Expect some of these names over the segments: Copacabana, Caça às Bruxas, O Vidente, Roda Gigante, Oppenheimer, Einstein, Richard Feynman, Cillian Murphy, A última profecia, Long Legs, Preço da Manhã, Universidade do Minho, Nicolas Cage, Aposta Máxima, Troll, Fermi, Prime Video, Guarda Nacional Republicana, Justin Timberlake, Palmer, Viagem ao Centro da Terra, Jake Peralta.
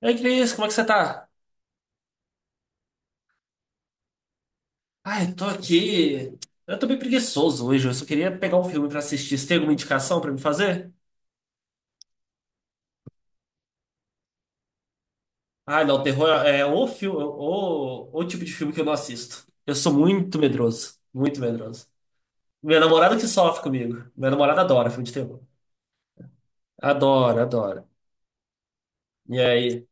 Ei, Cris, como é que você tá? Ai, tô aqui. Eu tô bem preguiçoso hoje. Eu só queria pegar um filme pra assistir. Você tem alguma indicação pra me fazer? Ai, não, terror é o filme, o tipo de filme que eu não assisto. Eu sou muito medroso, muito medroso. Minha namorada que sofre comigo. Minha namorada adora filme de terror. Adora, adora. E aí?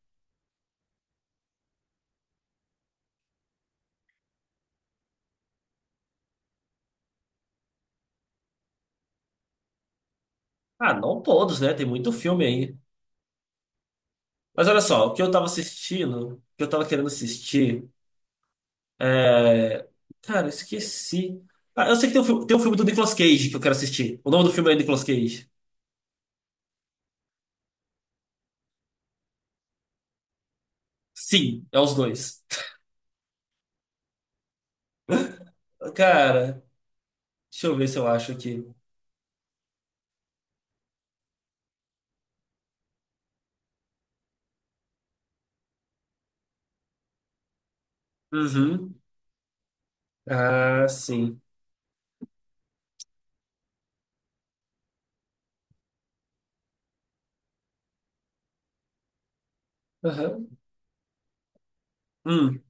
Ah, não todos, né? Tem muito filme aí. Mas olha só, o que eu tava assistindo, o que eu tava querendo assistir. É, Cara, eu esqueci. Ah, eu sei que tem um, tem um filme do Nicolas Cage que eu quero assistir. O nome do filme é Nicolas Cage. Sim, é os dois. Cara, deixa eu ver se eu acho aqui. Uhum. Ah, sim. Aham. Hum.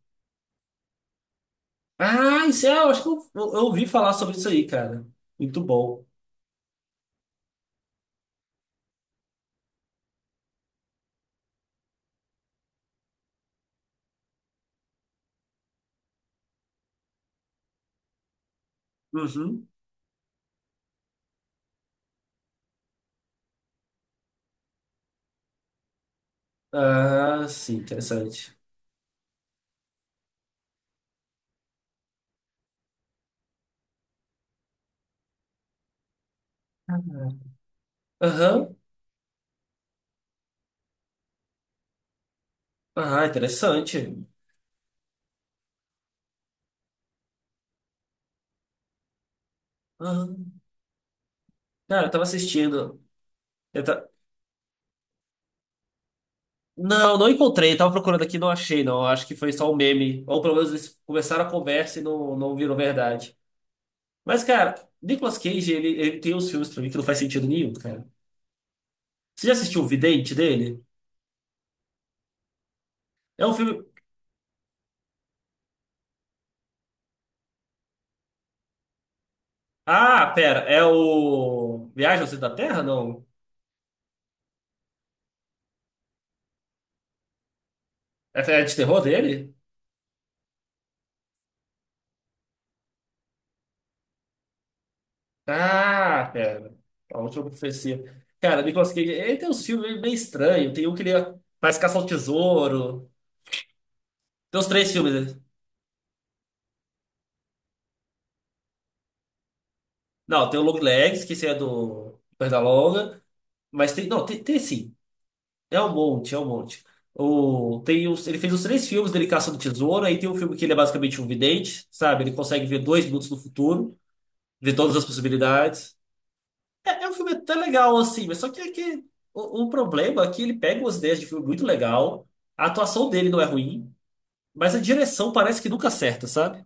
Ah, isso é, eu acho que eu ouvi falar sobre isso aí, cara. Muito bom. Uhum. Ah, sim, interessante. Aham. Ah, interessante. Aham. Cara, eu tava assistindo. Não, não encontrei. Tava procurando aqui, e não achei, não. Acho que foi só um meme. Ou pelo menos eles começaram a conversa e não virou verdade. Mas, cara, Nicolas Cage, ele tem uns filmes pra mim que não faz sentido nenhum, cara. Você já assistiu O Vidente dele? É um filme. Ah, pera, é o. Viagem ao Centro da Terra? Não. É de terror dele? Ah, pera. A última profecia. Cara, Nicolas Cage, ele tem uns filmes meio estranhos. Tem um que ele faz caça ao tesouro. Tem uns três filmes. Não, tem o Long Legs, que esse é do perna Longa. Mas tem. Não, tem sim. É um monte, é um monte. Ele fez os três filmes dele caçando tesouro. Aí tem um filme que ele é basicamente um vidente, sabe? Ele consegue ver dois minutos no futuro, ver todas as possibilidades. É um filme até legal, assim, mas só que, é que o problema é que ele pega umas ideias de filme muito legal. A atuação dele não é ruim, mas a direção parece que nunca acerta, sabe?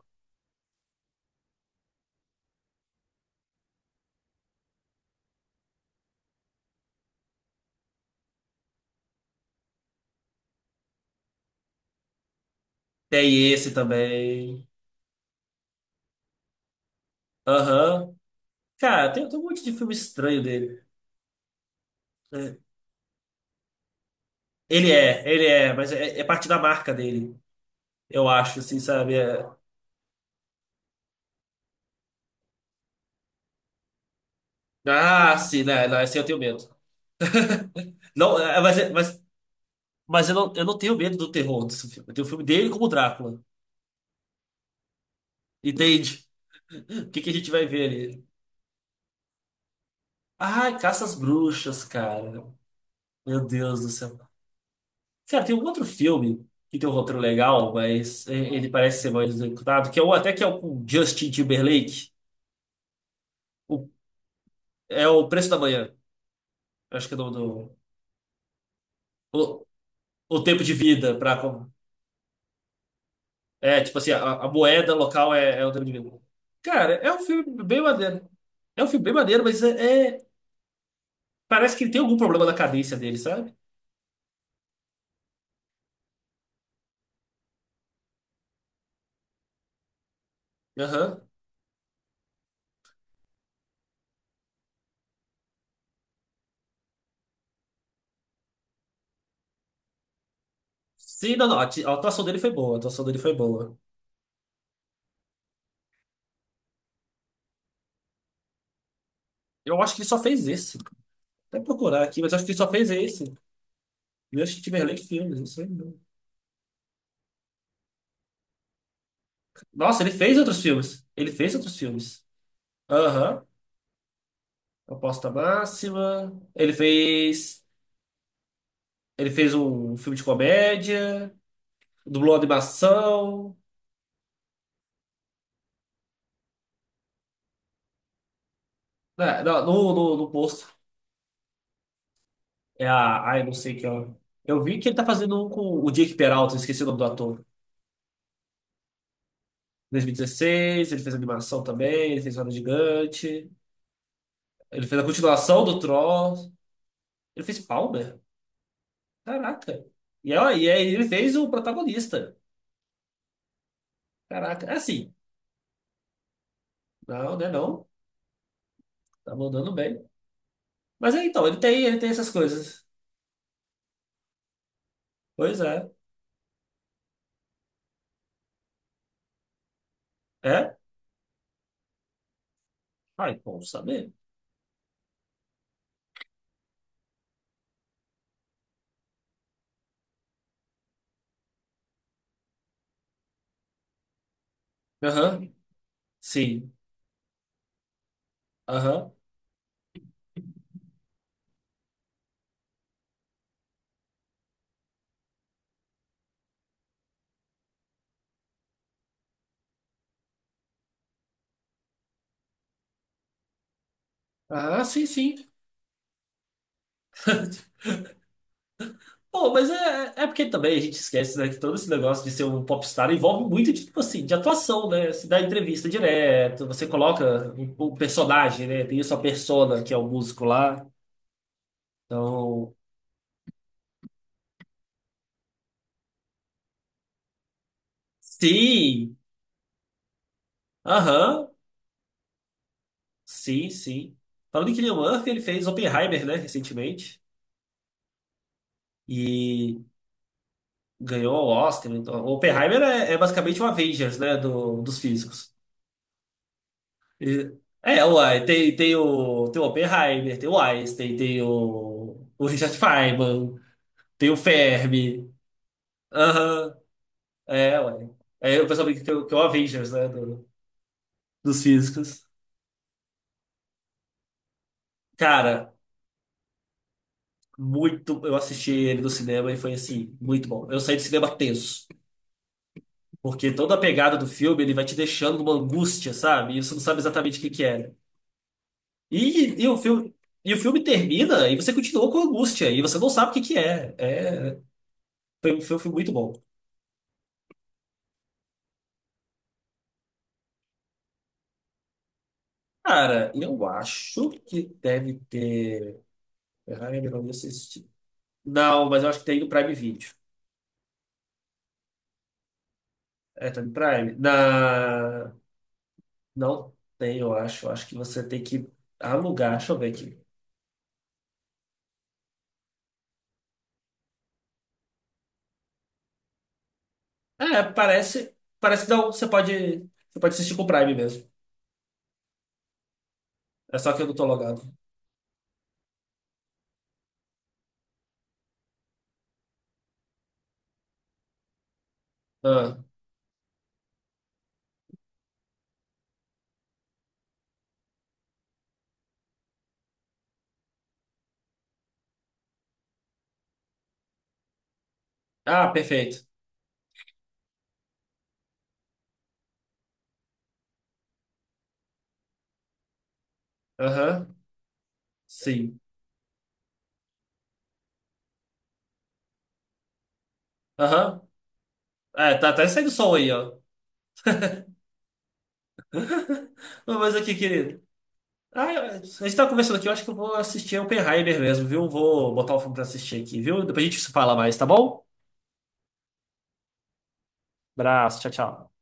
Tem esse também. Aham. Cara, tem um monte de filme estranho dele. É, ele é, mas é parte da marca dele, eu acho, assim, sabe? Ah, sim, né? Não, assim eu tenho medo. Não, mas eu não tenho medo do terror desse filme. Eu tenho o filme dele como Drácula. Entende? O que que a gente vai ver ali? Ai, Caça às Bruxas, cara. Meu Deus do céu. Cara, tem um outro filme que tem um roteiro legal, mas ele parece ser mal executado, que é o até que é o com Justin Timberlake. O- É o Preço da Manhã. Acho que é o nome do. o- o tempo de vida para é, tipo assim, a moeda local é o dinheiro. Cara, é um filme bem maneiro. É um filme bem maneiro, mas parece que ele tem algum problema na cadência dele, sabe? Aham. Sim, não, não. A atuação dele foi boa. A atuação dele foi boa. Eu acho que ele só fez esse. Vou até procurar aqui, mas eu acho que ele só fez esse. Eu Justin Timberlake filmes, não sei não. Nossa, ele fez outros filmes. Ele fez outros filmes. Aham. Aposta Máxima. Ele fez. Ele fez um filme de comédia. Dublou animação. É, não, no posto. É a. Ai, não sei que é. Eu vi que ele tá fazendo um com o Jake Peralta, eu esqueci o nome do ator. 2016, ele fez animação também, ele fez Roda Gigante, ele fez a continuação do Troll, ele fez Palmer. Caraca. E, ó, e aí ele fez o protagonista. Caraca. É assim. Não, né? Não. Tá mandando bem. Mas é então, ele tem essas coisas. Pois é. É? Ai, bom saber. Aham. Sim. Aham. Ah, sim, sim. Pô, mas é porque também a gente esquece, né, que todo esse negócio de ser um popstar envolve muito de, tipo assim, de atuação, né? Você dá entrevista direto, você coloca o personagem, né? Tem a sua persona, que é o músico lá. Então, sim, aham, sim, sim. Falando em Cillian Murphy, ele fez Oppenheimer, né, recentemente, e ganhou o Oscar. Então, Oppenheimer é basicamente o Avengers, né, dos físicos. E- uai, tem o Oppenheimer, tem o Einstein, tem o Richard Feynman, tem o Fermi. Aham, é, uai. É, o pessoal brinca que é o Avengers, né, dos físicos. Cara, muito, eu assisti ele no cinema e foi assim, muito bom. Eu saí do cinema tenso, porque toda a pegada do filme, ele vai te deixando numa angústia, sabe? E você não sabe exatamente o que que é. E, e o filme, e o filme termina e você continua com angústia, e você não sabe o que que é. É. Foi um filme muito bom. Cara, eu acho que deve ter. Ferrari eu não lembro assistir. Não, mas eu acho que tem no Prime Video. É, tá no Prime. Na... Não tem, eu acho. Eu acho que você tem que alugar. Deixa eu ver aqui. É, parece. Parece que não. Você pode assistir com o Prime mesmo. É só que eu não tô logado. Ah, ah, perfeito. Aham. Sim. Aham. É, tá até saindo som aí, ó. Não, mas aqui, querido. Ah, a gente tá conversando aqui, eu acho que eu vou assistir Oppenheimer mesmo, viu? Vou botar o filme pra assistir aqui, viu? Depois a gente se fala mais, tá bom? Abraço, tchau, tchau.